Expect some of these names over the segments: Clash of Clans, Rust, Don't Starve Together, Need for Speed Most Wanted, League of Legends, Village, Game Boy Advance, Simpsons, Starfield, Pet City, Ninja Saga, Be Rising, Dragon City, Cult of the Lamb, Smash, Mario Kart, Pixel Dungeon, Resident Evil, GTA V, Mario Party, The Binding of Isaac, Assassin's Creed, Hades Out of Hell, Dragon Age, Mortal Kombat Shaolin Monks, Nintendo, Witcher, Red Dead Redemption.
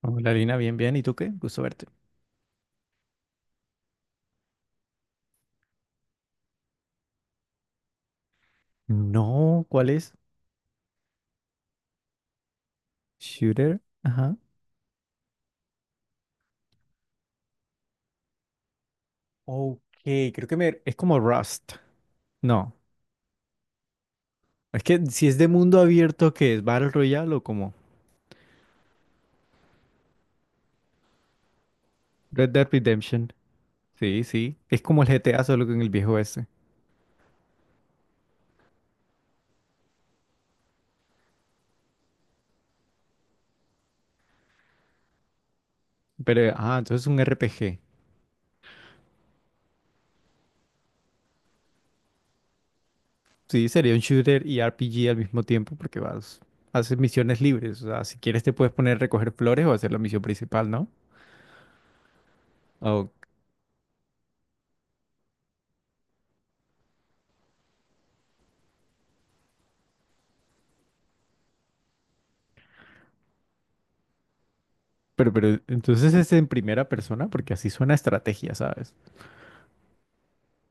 Hola Lina, bien, bien. ¿Y tú qué? Gusto verte. No, ¿cuál es? Shooter. Ajá. Ok, creo que es como Rust. No, es que si es de mundo abierto, ¿qué es? ¿Battle Royale o como? Red Dead Redemption. Sí, sí. Es como el GTA, solo que en el viejo este. Pero, ah, entonces es un RPG. Sí, sería un shooter y RPG al mismo tiempo porque vas, haces misiones libres. O sea, si quieres te puedes poner a recoger flores o hacer la misión principal, ¿no? Oh. Pero, entonces es en primera persona porque así suena estrategia, ¿sabes?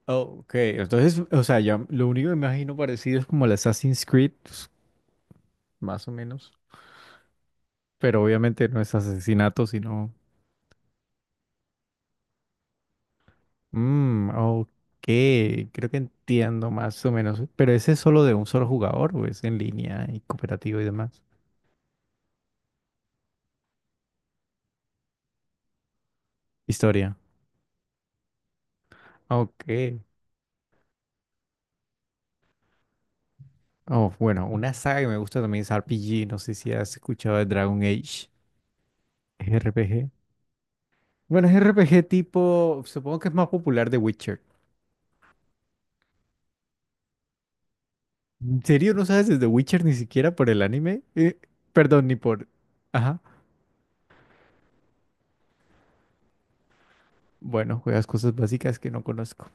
Ok, entonces, o sea, ya lo único que me imagino parecido es como el Assassin's Creed, pues, más o menos. Pero obviamente no es asesinato, sino. Mmm, ok, creo que entiendo más o menos. Pero ese es solo de un solo jugador, o es en línea y cooperativo y demás. Historia. Ok. Oh, bueno, una saga que me gusta también es RPG. No sé si has escuchado de Dragon Age. RPG. Bueno, es RPG tipo. Supongo que es más popular de Witcher. ¿En serio no sabes desde Witcher ni siquiera por el anime? Perdón, ni por... Ajá. Bueno, juegas cosas básicas que no conozco.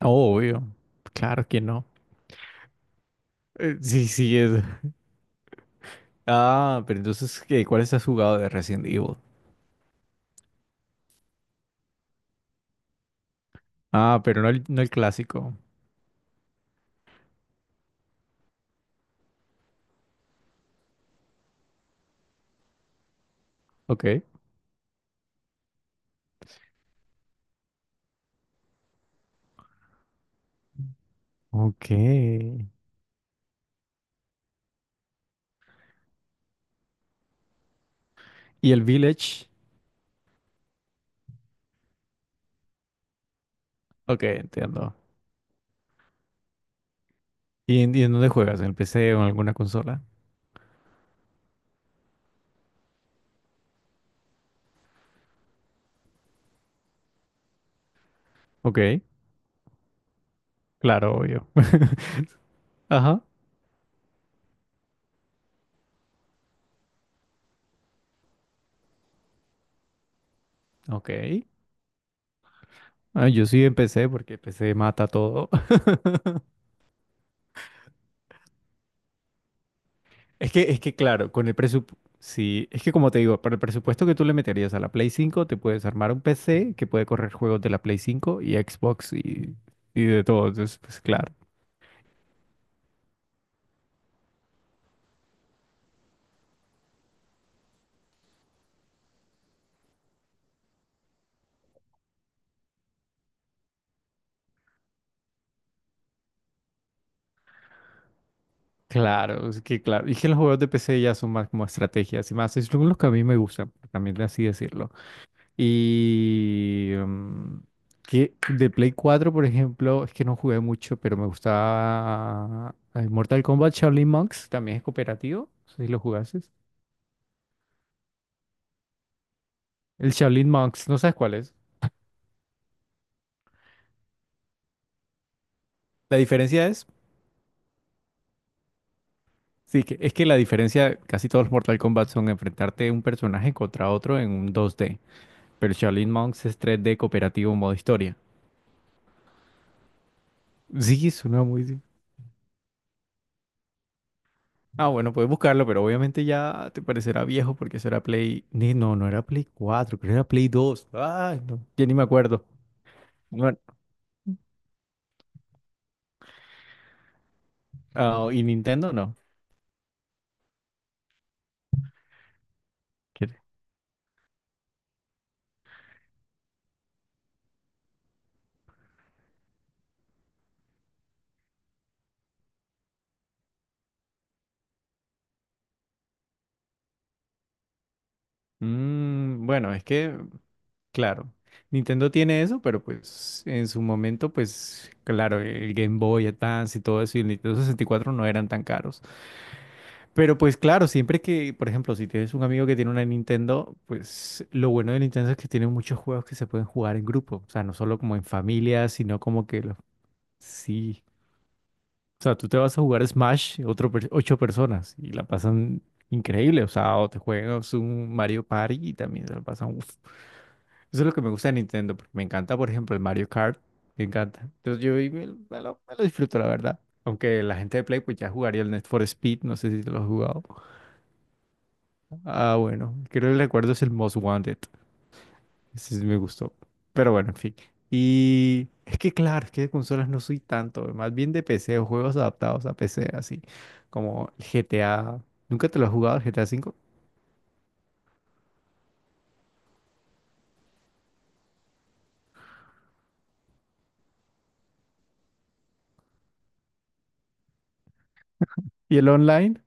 Oh, obvio. Claro que no. Sí, sí, es... Ah, pero entonces, ¿qué? ¿Cuáles has jugado de Resident Evil? Ah, pero no el clásico. Ok. Ok. ¿Y el Village? Ok, entiendo. ¿Y en dónde juegas? ¿En el PC o en alguna consola? Ok. Claro, obvio. Ajá. Ok. Ah, yo sí empecé porque PC mata todo. Es que, claro, con el presupuesto, sí, es que como te digo, para el presupuesto que tú le meterías a la Play 5 te puedes armar un PC que puede correr juegos de la Play 5 y Xbox y de todo. Entonces, pues claro, claro, es que claro. Y que los juegos de PC ya son más como estrategias y más, es lo que a mí me gusta, también así decirlo. Y que de Play 4 por ejemplo, es que no jugué mucho, pero me gustaba Mortal Kombat Shaolin Monks, también es cooperativo, no sé si lo jugases. El Shaolin Monks, ¿no sabes cuál es? La diferencia es, sí, que es que la diferencia, casi todos los Mortal Kombat son enfrentarte un personaje contra otro en un 2D, pero el Shaolin Monks es 3D cooperativo modo historia. Sí, suena muy bien. Ah, bueno, puedes buscarlo, pero obviamente ya te parecerá viejo porque eso era Play. No, no era Play 4, creo que era Play 2. Ay, no, ya ni me acuerdo. Bueno, ah, y Nintendo no. Bueno, es que, claro, Nintendo tiene eso, pero pues en su momento, pues claro, el Game Boy Advance y todo eso y el Nintendo 64 no eran tan caros. Pero pues claro, siempre que, por ejemplo, si tienes un amigo que tiene una Nintendo, pues lo bueno de Nintendo es que tiene muchos juegos que se pueden jugar en grupo, o sea, no solo como en familia, sino como que sí. O sea, tú te vas a jugar Smash, ocho personas y la pasan increíble, o sea, o te juegas un Mario Party y también se la pasan. Eso es lo que me gusta de Nintendo, porque me encanta, por ejemplo, el Mario Kart. Me encanta. Entonces yo y me lo disfruto, la verdad. Aunque la gente de Play pues ya jugaría el Need for Speed, no sé si te lo has jugado. Ah, bueno, creo que el recuerdo es el Most Wanted. Ese sí me gustó. Pero bueno, en fin. Y es que claro, es que de consolas no soy tanto, más bien de PC o juegos adaptados a PC, así como el GTA. ¿Nunca te lo has jugado el GTA V? ¿Y el online?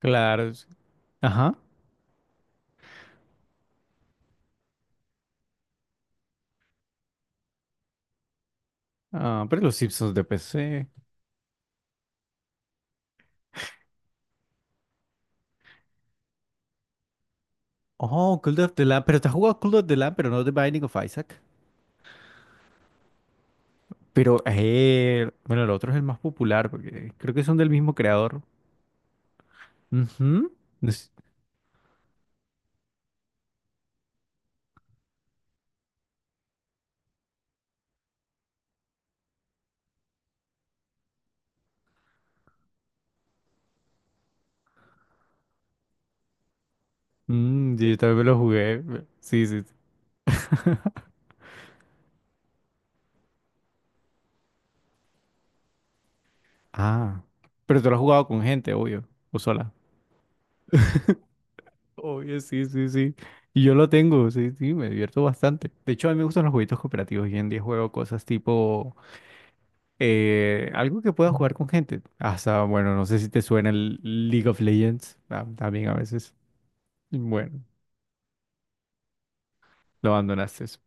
Claro. Ajá. Ah, pero los Simpsons de PC. Oh, Cult of the Lamb. Pero te has jugado Cult of the Lamb, pero no The Binding of Isaac. Pero, bueno, el otro es el más popular, porque creo que son del mismo creador. Ujú. Es- mm, sí, yo también me lo jugué. Sí, sí, sí. Ah, pero tú lo has jugado con gente, obvio, o sola. Obvio, sí, sí, sí. Y yo lo tengo, sí, sí, me divierto bastante. De hecho, a mí me gustan los jueguitos cooperativos. Y en día juego cosas tipo algo que pueda jugar con gente. Hasta, bueno, no sé si te suena el League of Legends, también a veces. Bueno, lo abandonaste.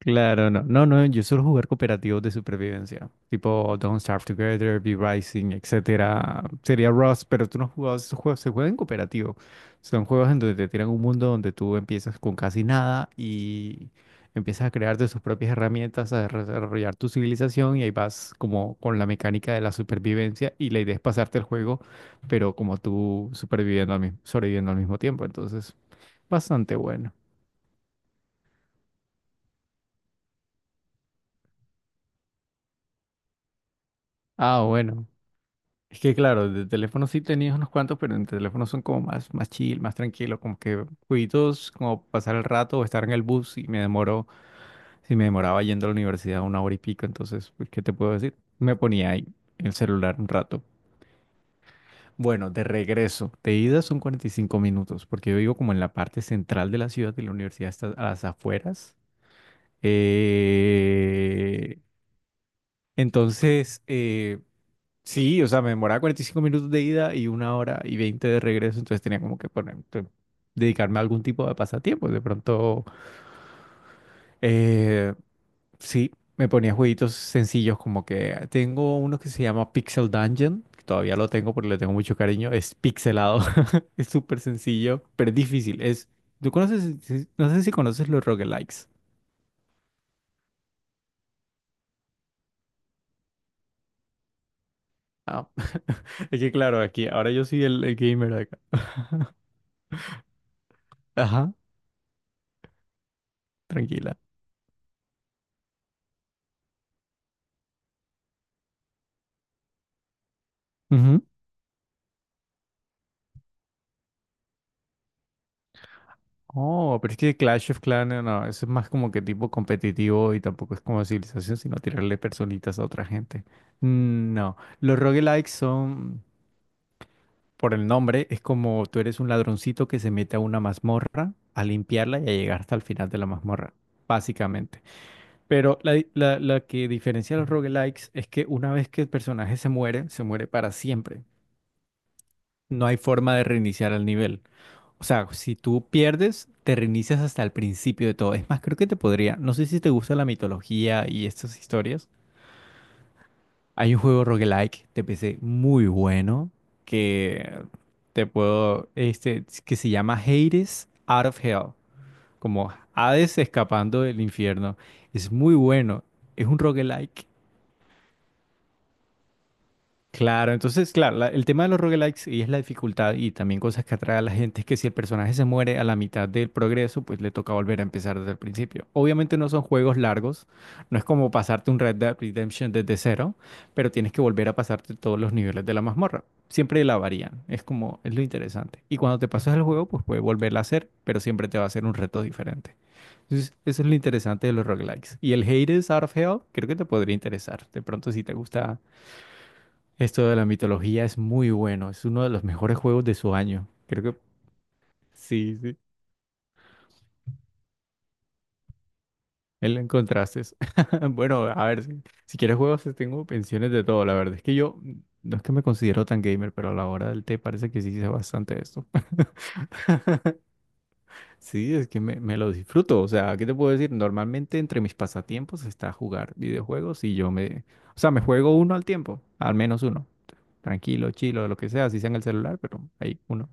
Claro, no. No, no, yo suelo jugar cooperativos de supervivencia, tipo Don't Starve Together, Be Rising, etcétera. Sería Rust, pero tú no has jugado esos juegos, se juegan en cooperativo. Son juegos en donde te tiran un mundo donde tú empiezas con casi nada y empiezas a crear de tus propias herramientas, a desarrollar tu civilización y ahí vas como con la mecánica de la supervivencia y la idea es pasarte el juego, pero como tú superviviendo al mismo, sobreviviendo al mismo tiempo, entonces bastante bueno. Ah, bueno. Es que claro, de teléfono sí tenías unos cuantos, pero en teléfono son como más, más chill, más tranquilo, como que jueguitos, como pasar el rato o estar en el bus y me demoró, si me demoraba yendo a la universidad una hora y pico, entonces, pues, ¿qué te puedo decir? Me ponía ahí el celular un rato. Bueno, de regreso, de ida son 45 minutos, porque yo vivo como en la parte central de la ciudad y la universidad está a las afueras. Eh, entonces, eh, Sí, o sea, me demoraba 45 minutos de ida y una hora y 20 de regreso, entonces tenía como que poner, dedicarme a algún tipo de pasatiempo. De pronto, eh, sí, me ponía jueguitos sencillos como que tengo uno que se llama Pixel Dungeon, que todavía lo tengo porque le tengo mucho cariño, es pixelado, es súper sencillo, pero es difícil. Es, ¿tú conoces, no sé si conoces los roguelikes? Ah, es que claro, aquí, ahora yo soy el gamer acá. Ajá, tranquila. Oh, pero es que Clash of Clans, no, no, eso es más como que tipo competitivo y tampoco es como civilización, sino tirarle personitas a otra gente. No, los roguelikes son, por el nombre, es como tú eres un ladroncito que se mete a una mazmorra a limpiarla y a llegar hasta el final de la mazmorra, básicamente. Pero la que diferencia a los roguelikes es que una vez que el personaje se muere para siempre. No hay forma de reiniciar el nivel. O sea, si tú pierdes, te reinicias hasta el principio de todo. Es más, creo que te podría. No sé si te gusta la mitología y estas historias. Hay un juego roguelike de PC muy bueno que te puedo, que se llama Hades Out of Hell, como Hades escapando del infierno. Es muy bueno. Es un roguelike. Claro, entonces, claro, el tema de los roguelikes y es la dificultad y también cosas que atrae a la gente es que si el personaje se muere a la mitad del progreso, pues le toca volver a empezar desde el principio. Obviamente no son juegos largos, no es como pasarte un Red Dead Redemption desde cero, pero tienes que volver a pasarte todos los niveles de la mazmorra. Siempre la varían, es como, es lo interesante. Y cuando te pasas el juego, pues puedes volverla a hacer, pero siempre te va a ser un reto diferente. Entonces, eso es lo interesante de los roguelikes. Y el Hades Out of Hell, creo que te podría interesar. De pronto, si te gusta esto de la mitología es muy bueno, es uno de los mejores juegos de su año. Creo que sí, sí, él lo encontraste. Bueno, a ver, si quieres juegos, tengo pensiones de todo. La verdad es que yo no es que me considero tan gamer, pero a la hora del té parece que sí sé bastante esto. Sí, es que me lo disfruto. O sea, ¿qué te puedo decir? Normalmente entre mis pasatiempos está jugar videojuegos y yo me, o sea, me juego uno al tiempo, al menos uno. Tranquilo, chilo, lo que sea, si sea en el celular, pero hay uno.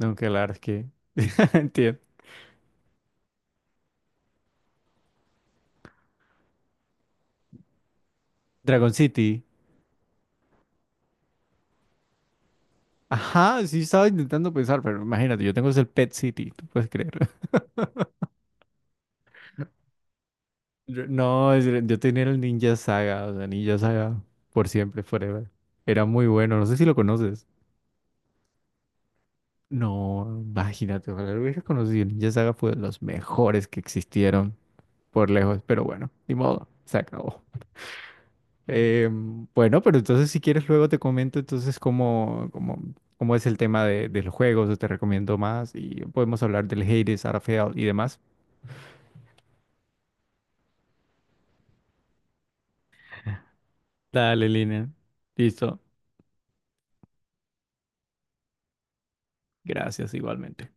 Aunque la verdad es que entiendo. Dragon City. Ajá, sí estaba intentando pensar, pero imagínate, yo tengo es el Pet City, tú puedes creer. No, yo tenía el Ninja Saga, o sea, Ninja Saga por siempre, forever. Era muy bueno, no sé si lo conoces. No, imagínate, ojalá lo hubiera conocido. El Ninja Saga fue de los mejores que existieron por lejos, pero bueno, ni modo, se acabó. Bueno, pero entonces si quieres luego te comento entonces cómo es el tema de los juegos, o te recomiendo más y podemos hablar del Hades, Starfield y demás. Dale, Lina. Listo. Gracias igualmente.